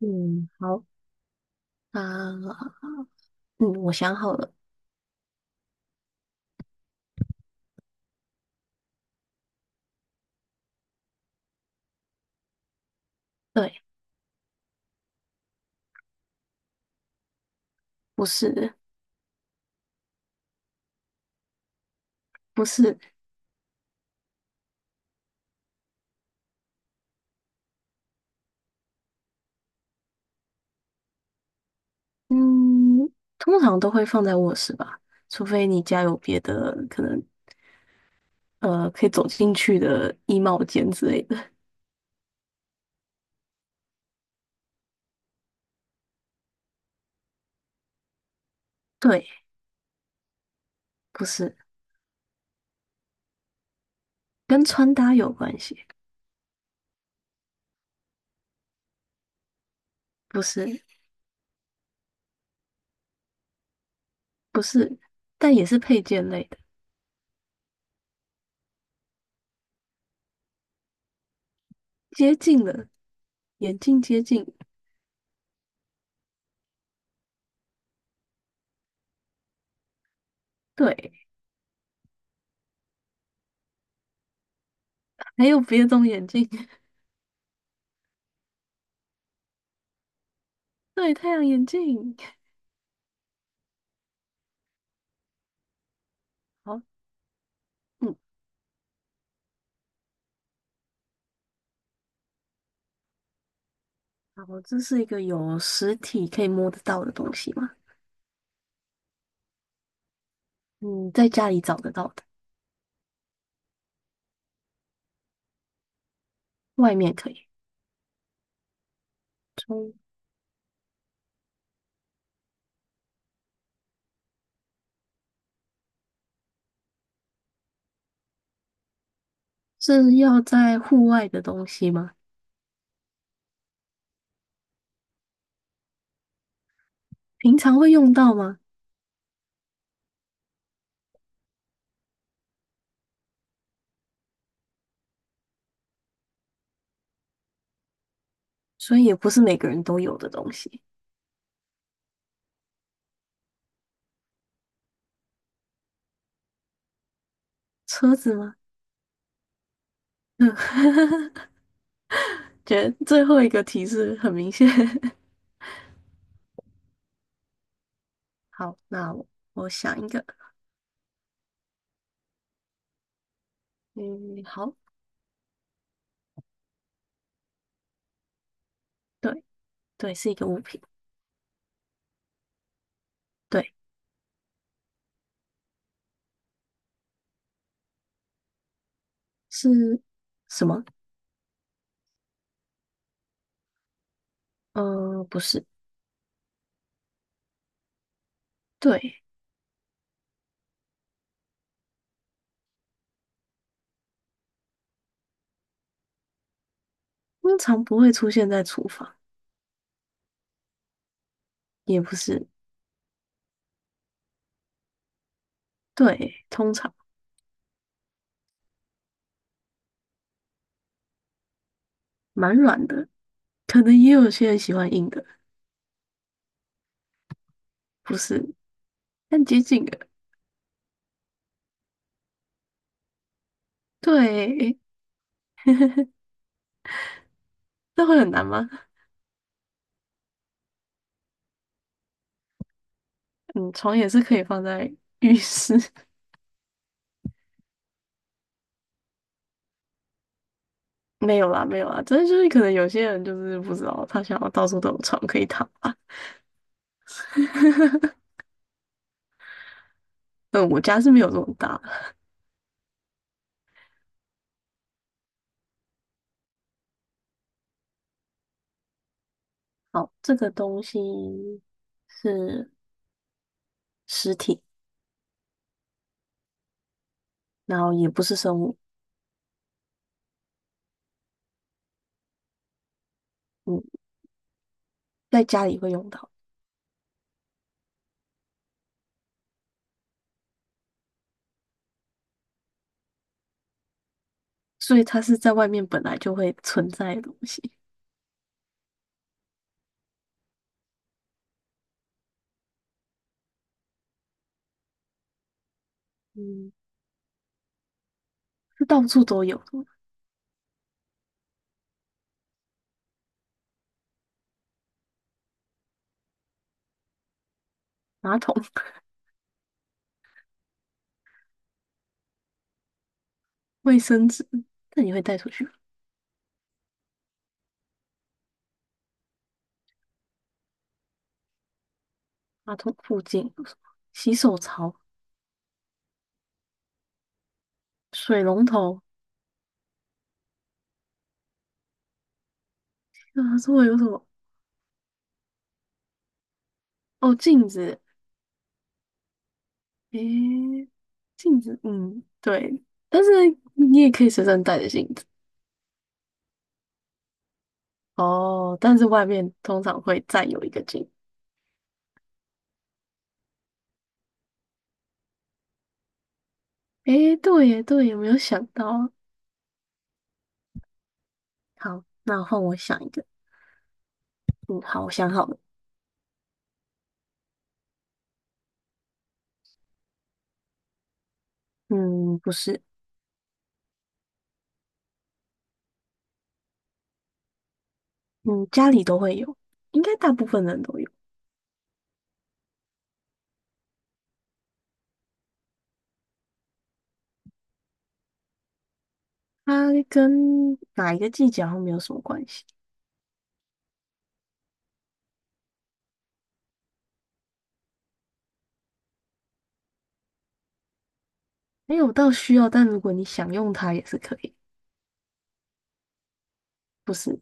嗯，好啊，嗯，我想好了。对。不是。不是。嗯，通常都会放在卧室吧，除非你家有别的可能，可以走进去的衣帽间之类的。对。不是。跟穿搭有关系。不是。不是，但也是配件类的。接近了，眼镜接近。对，还有别种眼镜。对，太阳眼镜。好。嗯，好，这是一个有实体可以摸得到的东西吗？嗯，在家里找得到的，外面可以。中是要在户外的东西吗？平常会用到吗？所以也不是每个人都有的东西。车子吗？嗯，觉得最后一个提示很明显。好，那我想一个。嗯，好。对对，是一个物品。对。是什么？嗯、不是。对，通常不会出现在厨房。也不是。对，通常蛮软的，可能也有些人喜欢硬的。不是，但接近的。对。诶，那会很难吗？嗯，床也是可以放在浴室。没有啦，没有啦，真的就是可能有些人就是不知道，他想要到处都有床可以躺吧。嗯，我家是没有这么大。好，这个东西是实体，然后也不是生物。嗯，在家里会用到，所以它是在外面本来就会存在的东西。嗯，是到处都有的。马桶、卫生纸，那你会带出去吗？马桶附近有什么？洗手槽、水龙头，啊，这会有什么？哦，镜子。诶，镜子，嗯，对，但是你也可以随身带着镜子。哦，但是外面通常会再有一个镜。诶，对耶，对耶，没有想到。好，那换我想一个。嗯，好，我想好了。嗯，不是。嗯，家里都会有，应该大部分人都有。它跟哪一个季节好像没有什么关系。没有到需要，但如果你想用它也是可以。不是。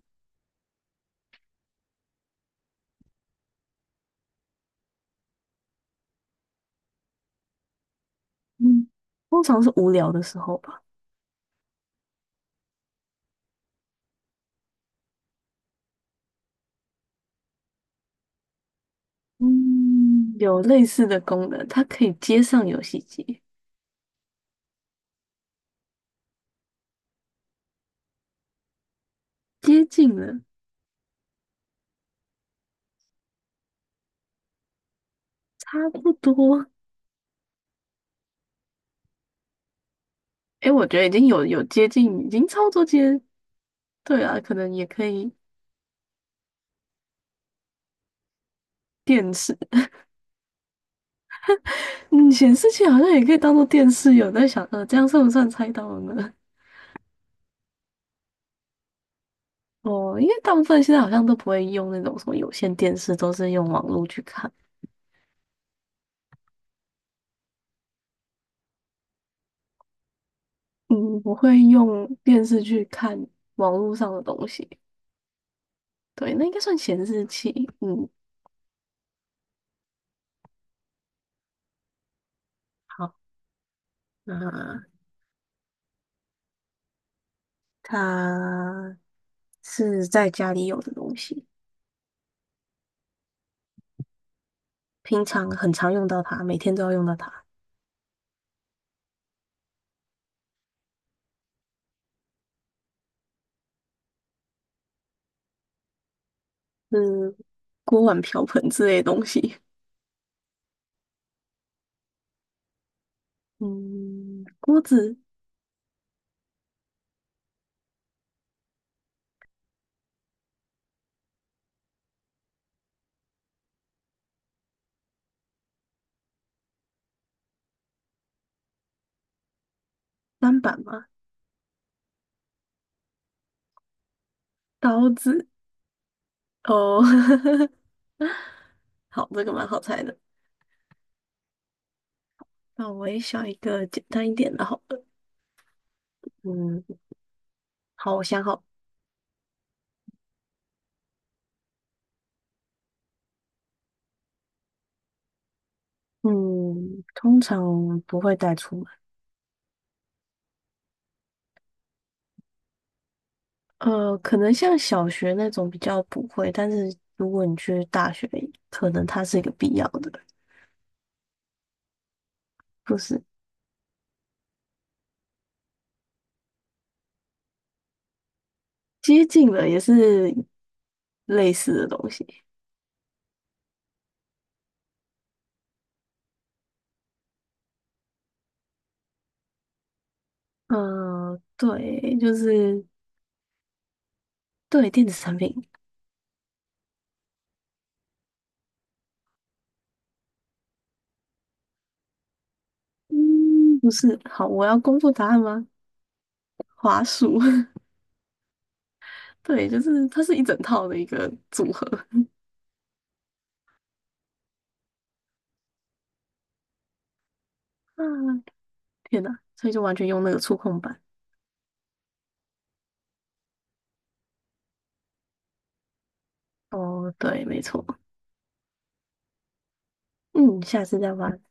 嗯，通常是无聊的时候吧。嗯，有类似的功能，它可以接上游戏机。接近了。差不多。诶，我觉得已经有接近，已经操作接，对啊，可能也可以。电视。嗯，显示器好像也可以当做电视有在想，这样算不算猜到了呢？哦，因为大部分现在好像都不会用那种什么有线电视，都是用网络去看。嗯，不会用电视去看网络上的东西。对，那应该算显示器。嗯，好，那它是在家里有的东西，平常很常用到它，每天都要用到它。嗯，锅碗瓢盆之类的东西。嗯，锅子、砧板吗？刀子哦。好，这个蛮好猜的。那我也想一个简单一点的，好了。嗯，好，我想好。嗯，通常不会带出门。可能像小学那种比较不会，但是如果你去大学，可能它是一个必要的。不是，接近了，也是类似的东西。嗯、对，就是对电子产品。嗯，不是。好，我要公布答案吗？华数。对，就是它是一整套的一个组合。啊，天哪，所以就完全用那个触控板。哦，对，没错。嗯，下次再玩。